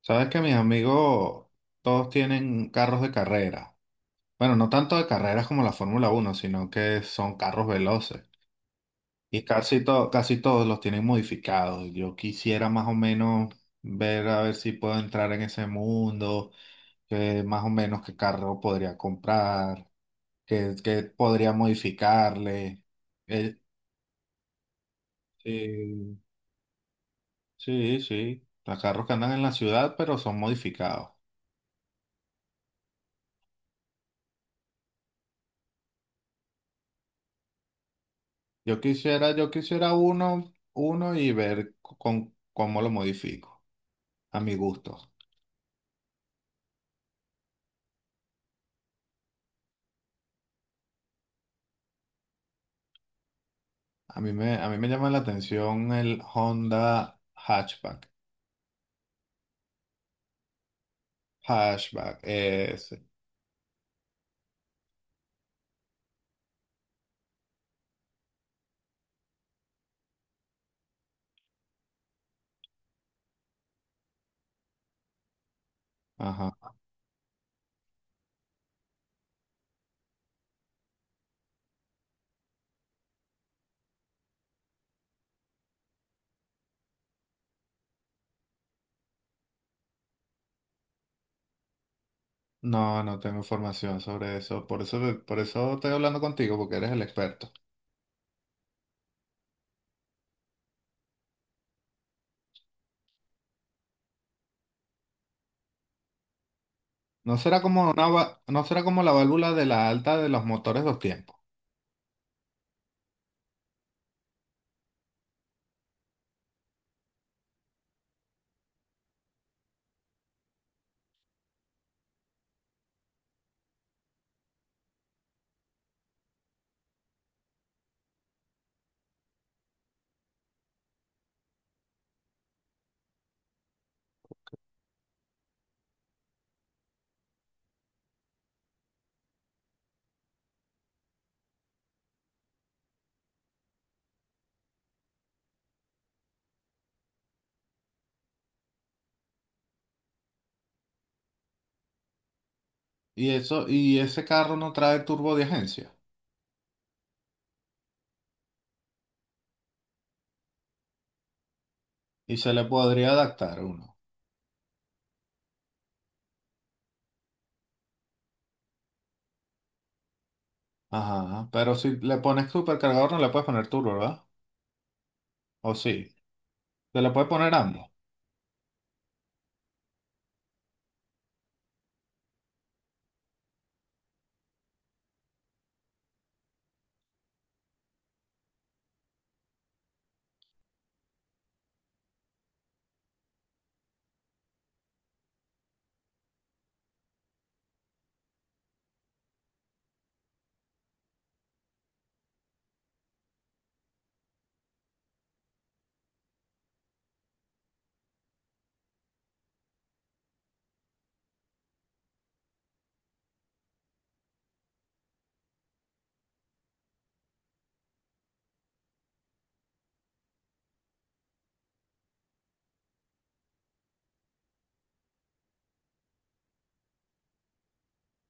Sabes que mis amigos todos tienen carros de carrera. Bueno, no tanto de carreras como la Fórmula Uno, sino que son carros veloces. Y casi todos los tienen modificados. Yo quisiera más o menos ver a ver si puedo entrar en ese mundo, que más o menos qué carro podría comprar, qué podría modificarle. Eh, eh, sí, sí, los carros que andan en la ciudad, pero son modificados. Yo quisiera uno y ver cómo lo modifico, a mi gusto. A mí me llama la atención el Honda Hatchback. Hatchback, ese. Ajá. No, no tengo información sobre eso. Por eso, por eso estoy hablando contigo, porque eres el experto. No será como no será como la válvula de la alta de los motores dos tiempos. Y eso, y ese carro no trae turbo de agencia. Y se le podría adaptar uno. Ajá, pero si le pones supercargador no le puedes poner turbo, ¿verdad? O sí, se le puede poner ambos.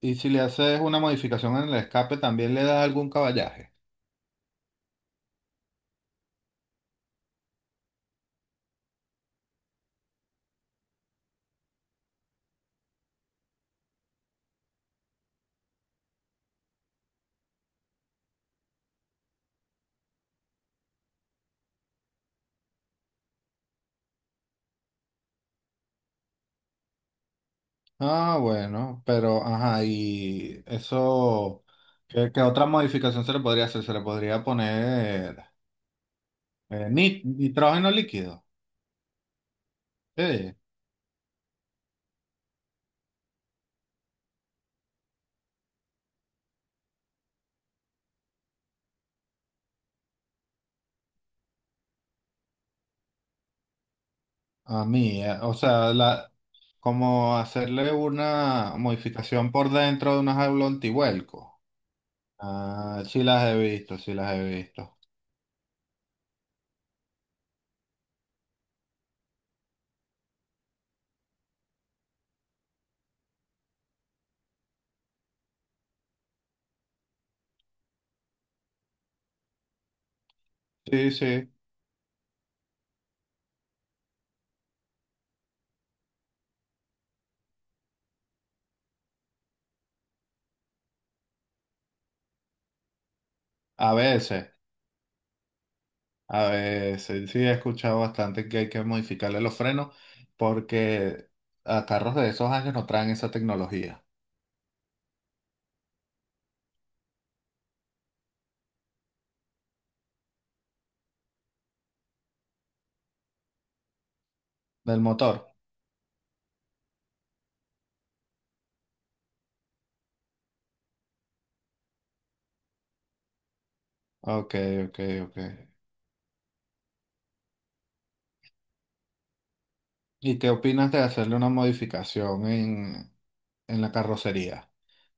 Y si le haces una modificación en el escape también le da algún caballaje. Ah, bueno, pero ajá, y eso, ¿qué otra modificación se le podría hacer? Se le podría poner nitrógeno líquido. Sí, a mí, como hacerle una modificación por dentro de una jaula antivuelco. Ah, sí las he visto, sí las he visto. Sí, sí, a veces, a veces, sí he escuchado bastante que hay que modificarle los frenos porque a carros de esos años no traen esa tecnología del motor. Ok, ok, ok. ¿Y qué opinas de hacerle una modificación en la carrocería?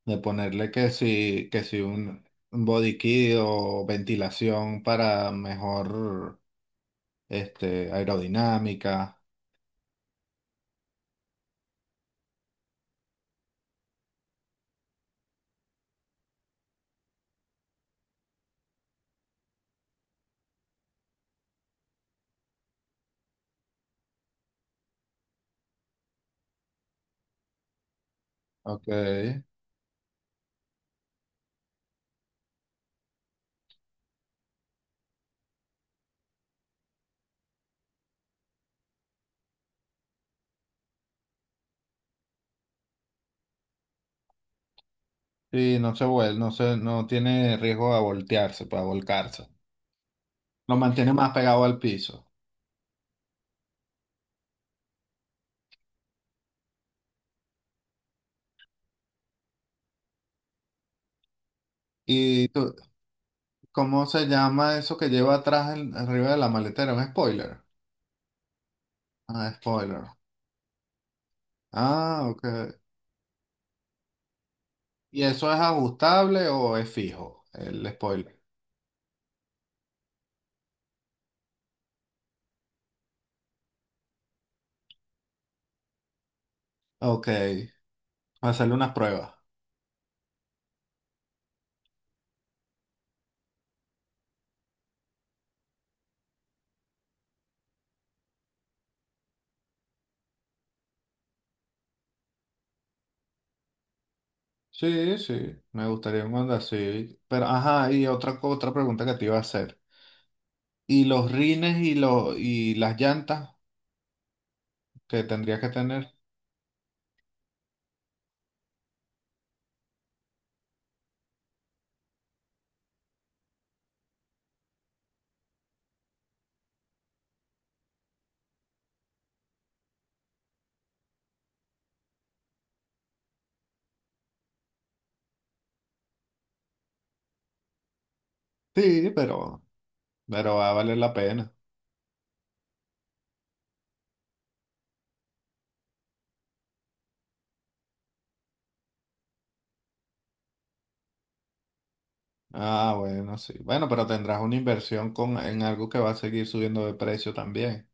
De ponerle que si un body kit o ventilación para mejor aerodinámica. Ok. Sí, no se vuelve, no se, no tiene riesgo de voltearse, pues volcarse. Lo mantiene más pegado al piso. ¿Y cómo se llama eso que lleva atrás arriba de la maletera? ¿Un spoiler? Ah, spoiler. Ah, ok. ¿Y eso es ajustable o es fijo, el spoiler? Ok, hacerle unas pruebas. Sí, sí, me gustaría mandar así. Pero, ajá, y otra pregunta que te iba a hacer. ¿Y los rines y las llantas que tendrías que tener? Sí, pero va a valer la pena. Ah, bueno, sí. Bueno, pero tendrás una inversión en algo que va a seguir subiendo de precio también.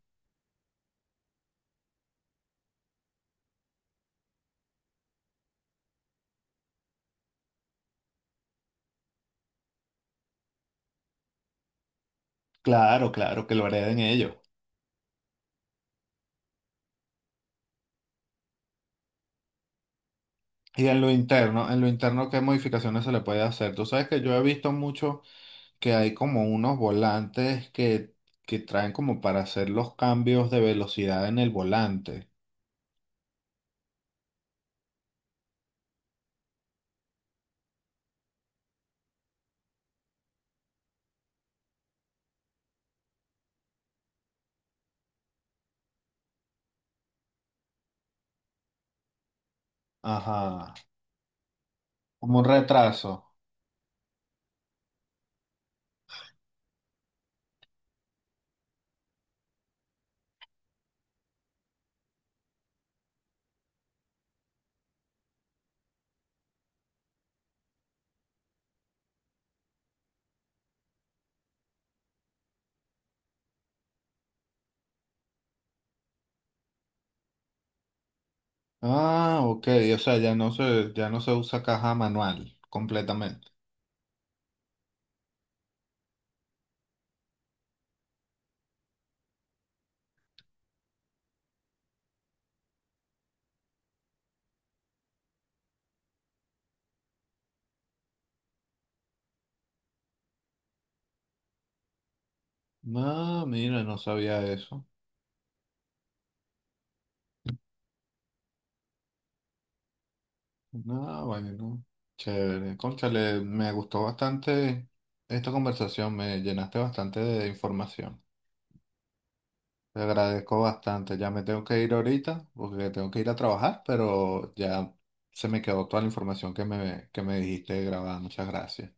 Claro, claro, que lo hereden ellos. Y en lo interno, ¿qué modificaciones se le puede hacer? Tú sabes que yo he visto mucho que hay como unos volantes que traen como para hacer los cambios de velocidad en el volante. Ajá. Como un retraso. Ah, ok. O sea, ya no se usa caja manual completamente. Ah, mira, no sabía eso. Ah, bueno, chévere. Cónchale, me gustó bastante esta conversación, me llenaste bastante de información. Te agradezco bastante. Ya me tengo que ir ahorita porque tengo que ir a trabajar, pero ya se me quedó toda la información que me dijiste grabada. Muchas gracias.